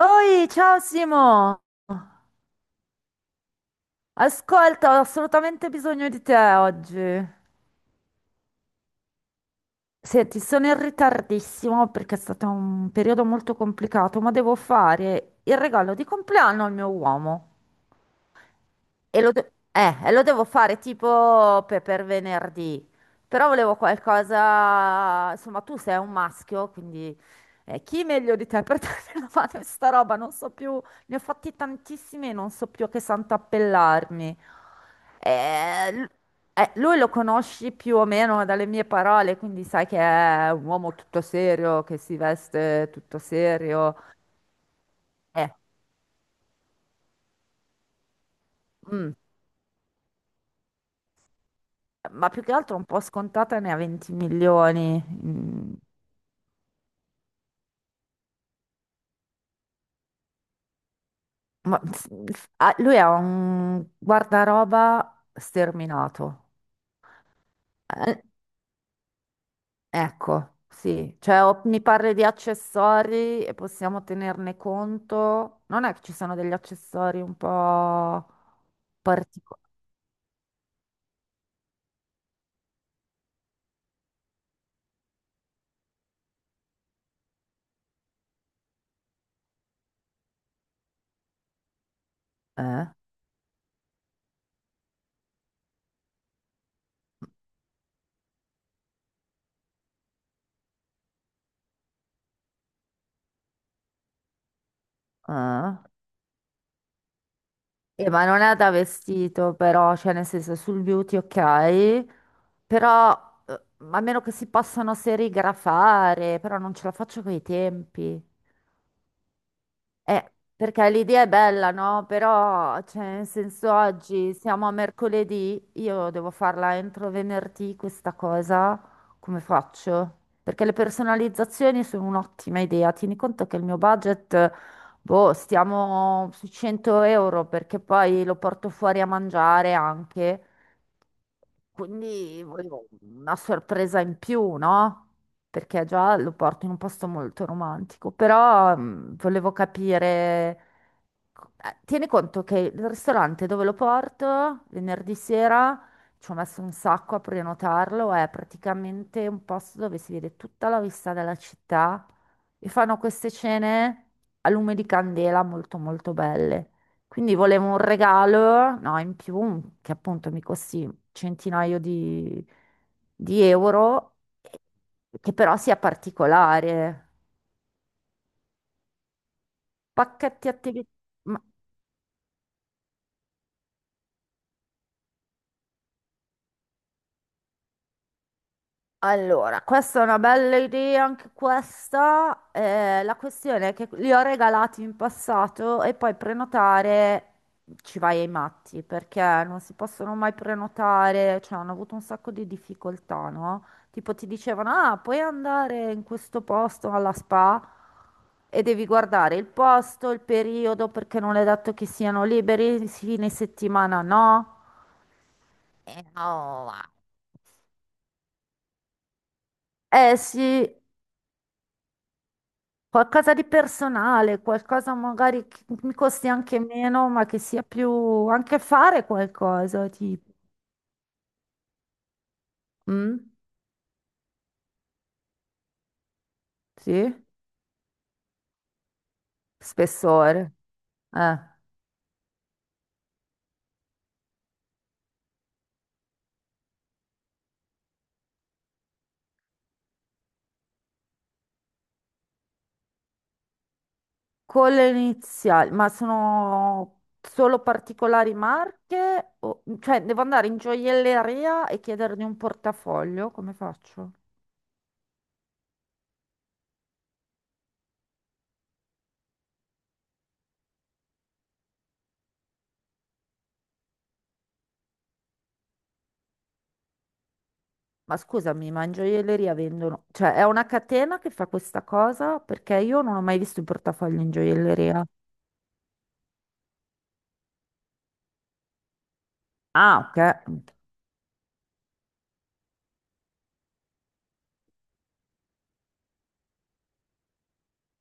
Oi, ciao Simo! Ascolta, ho assolutamente bisogno di te oggi. Senti, sono in ritardissimo perché è stato un periodo molto complicato, ma devo fare il regalo di compleanno al mio uomo. E lo devo fare tipo per venerdì. Però volevo qualcosa. Insomma, tu sei un maschio, quindi chi meglio di te per darmi una mano in sta roba? Non so più, ne ho fatti tantissimi e non so più a che santo appellarmi. Eh, l- Lui lo conosci più o meno dalle mie parole, quindi sai che è un uomo tutto serio, che si veste tutto serio. Eh, mm. Ma più che altro un po' scontata, ne ha 20 milioni. Mm, ma- ah, lui ha un guardaroba sterminato. Eh, ecco, sì, cioè, o mi parli di accessori e possiamo tenerne conto. Non è che ci sono degli accessori un po' particolari? Eh? Eh? Ma non è da vestito, però, cioè nel senso sul beauty ok, però eh, a meno che si possano serigrafare, però non ce la faccio coi tempi. Perché l'idea è bella, no? Però, cioè, nel senso, oggi siamo a mercoledì, io devo farla entro venerdì questa cosa, come faccio? Perché le personalizzazioni sono un'ottima idea. Tieni conto che il mio budget, boh, stiamo sui 100 euro, perché poi lo porto fuori a mangiare anche. Quindi volevo una sorpresa in più, no? Perché già lo porto in un posto molto romantico, però volevo capire... Tieni conto che il ristorante dove lo porto venerdì sera, ci ho messo un sacco a prenotarlo, è praticamente un posto dove si vede tutta la vista della città e fanno queste cene a lume di candela molto molto belle. Quindi volevo un regalo, no, in più, che appunto mi costi centinaio di euro, che però sia particolare. Pacchetti attività. Allora, questa è una bella idea, anche questa. La questione è che li ho regalati in passato e poi prenotare, ci vai ai matti perché non si possono mai prenotare, cioè hanno avuto un sacco di difficoltà, no? Tipo ti dicevano, ah, puoi andare in questo posto alla spa e devi guardare il posto, il periodo, perché non è detto che siano liberi, fine settimana no. No. Va. Eh sì. Qualcosa di personale, qualcosa magari che mi costi anche meno, ma che sia più, anche fare qualcosa, tipo. Mm? Sì? Spessore. Eh. Con le iniziali, ma sono solo particolari marche? O... cioè, devo andare in gioielleria e chiedergli un portafoglio? Come faccio? Ma scusami, ma in gioielleria vendono... cioè, è una catena che fa questa cosa? Perché io non ho mai visto il portafoglio in gioielleria. Ah, ok.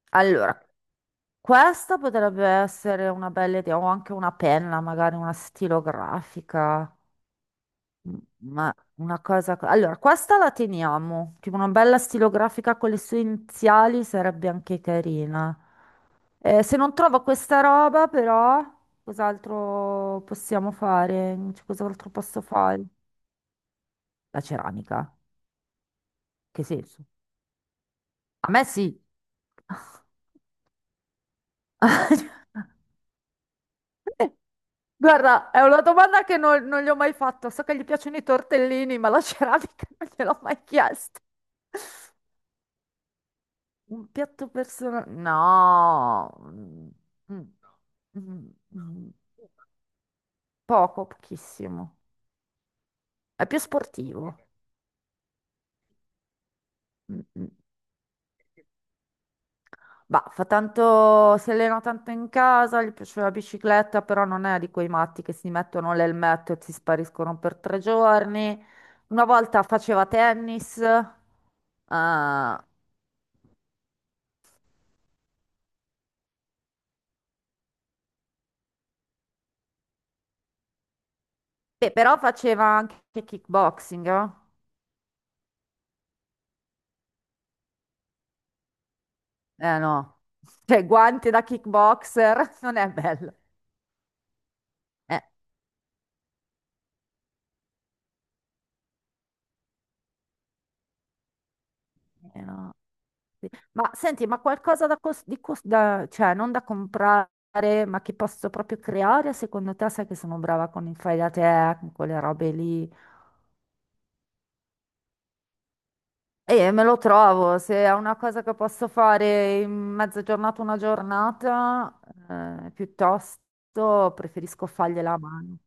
Allora, questa potrebbe essere una bella idea, o anche una penna, magari una stilografica, m- ma una cosa... Allora, questa la teniamo, tipo una bella stilografica con le sue iniziali sarebbe anche carina. Se non trovo questa roba, però, cos'altro possiamo fare? Cioè, cos'altro posso fare? La ceramica, che senso? A me sì. Guarda, è una domanda che non gli ho mai fatto. So che gli piacciono i tortellini, ma la ceramica non gliel'ho mai chiesto. Un piatto personale? No. Mm, mm, mm, mm. Poco, pochissimo. È più sportivo. Mm, mm. Bah, fa tanto, si allena tanto in casa, gli piace la bicicletta, però non è di quei matti che si mettono l'elmetto e si spariscono per tre giorni. Una volta faceva tennis. Eh. Beh, però faceva anche kickboxing, no? Eh no, cioè guanti da kickboxer non è bello. Eh, no. Sì. Ma senti, ma qualcosa da, cos- di cos- da- cioè non da comprare, ma che posso proprio creare? Secondo te, sai che sono brava con il fai da te, con quelle robe lì? E me lo trovo, se è una cosa che posso fare in mezza giornata, una giornata, piuttosto preferisco fargliela a mano.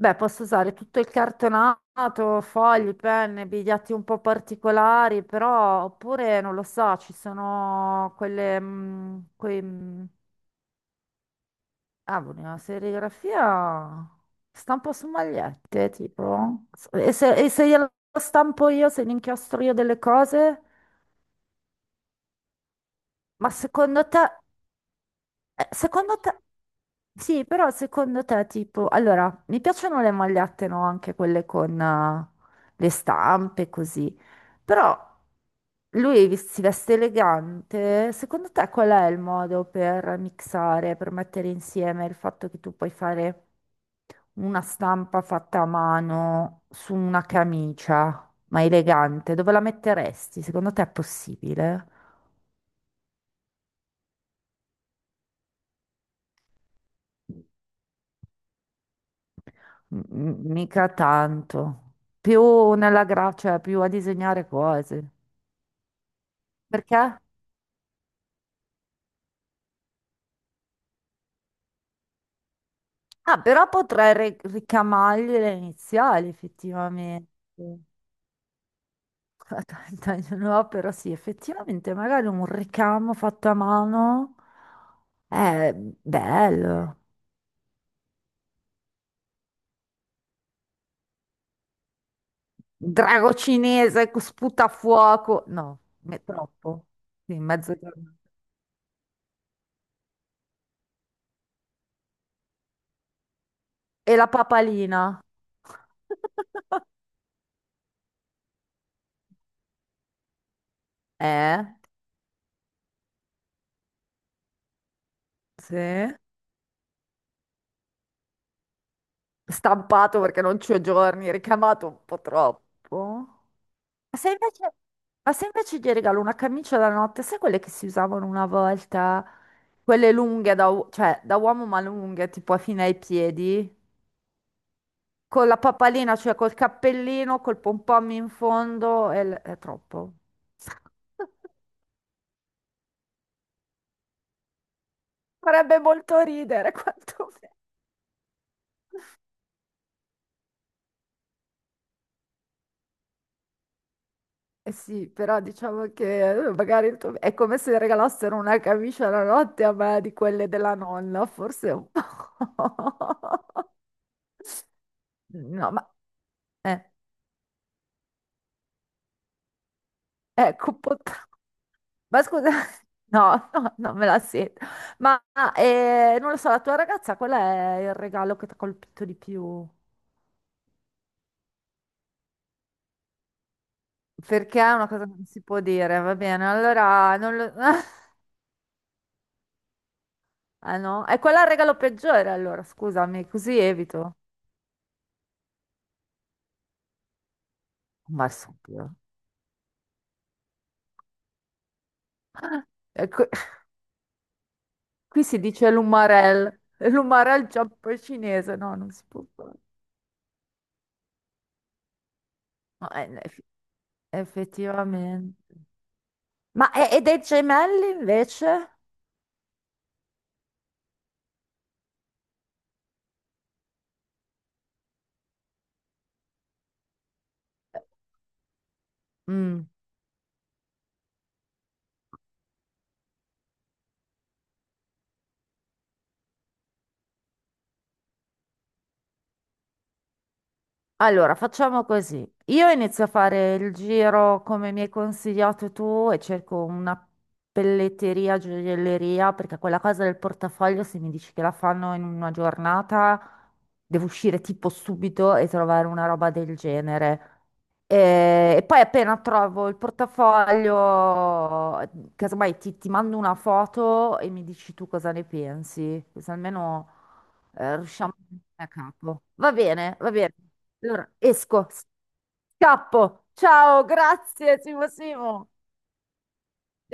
Beh, posso usare tutto il cartonato, fogli, penne, biglietti un po' particolari, però oppure non lo so, ci sono quelle, mm, quei, mm, ah, una serigrafia, stampo su magliette, tipo. E se glielo stampo io, se ne inchiostro io delle cose? Ma secondo te... secondo te, sì, però secondo te, tipo, allora, mi piacciono le magliette, no? Anche quelle con le stampe, così. Però lui si veste elegante. Secondo te qual è il modo per mixare, per mettere insieme il fatto che tu puoi fare una stampa fatta a mano su una camicia, ma elegante? Dove la metteresti? Secondo te è possibile? Mica tanto. Più nella cioè più a disegnare cose. Perché? Ah, però potrei ricamargli le iniziali, effettivamente. Dai, no, però sì, effettivamente magari un ricamo fatto a mano è bello. Drago cinese che sputa fuoco. No, è troppo. Sì, mezzo giorno. E la papalina? Eh? Sì. Stampato perché non ci ho giorni, ricamato un po' troppo. Ma se invece, ma se invece gli regalo una camicia da notte, sai quelle che si usavano una volta? Quelle lunghe, cioè da uomo ma lunghe, tipo fino ai piedi, con la papalina, cioè col cappellino, col pompom in fondo, è troppo. Farebbe molto ridere quanto... Eh sì, però diciamo che magari è come se regalassero una camicia la notte a me di quelle della nonna, forse un po'. No, ma eh, ecco, un po' ma scusa, no, no, non me la sento. Ma non lo so, la tua ragazza, qual è il regalo che ti ha colpito di più? Perché è una cosa che non si può dire, va bene, allora non lo... Ah no, è quello il regalo peggiore allora, scusami, così evito. Ma subito. Qui si dice l'umarel, l'umarel giappo cinese, no, non si può fare. No, effettivamente. Ma e dei gemelli invece? Mm. Allora, facciamo così. Io inizio a fare il giro come mi hai consigliato tu e cerco una pelletteria, gioielleria, perché quella cosa del portafoglio, se mi dici che la fanno in una giornata, devo uscire tipo subito e trovare una roba del genere. E poi appena trovo il portafoglio, casomai ti mando una foto e mi dici tu cosa ne pensi, così almeno riusciamo a capo. Va bene, va bene. Allora, esco, scappo. Ciao, grazie, Simo Simo.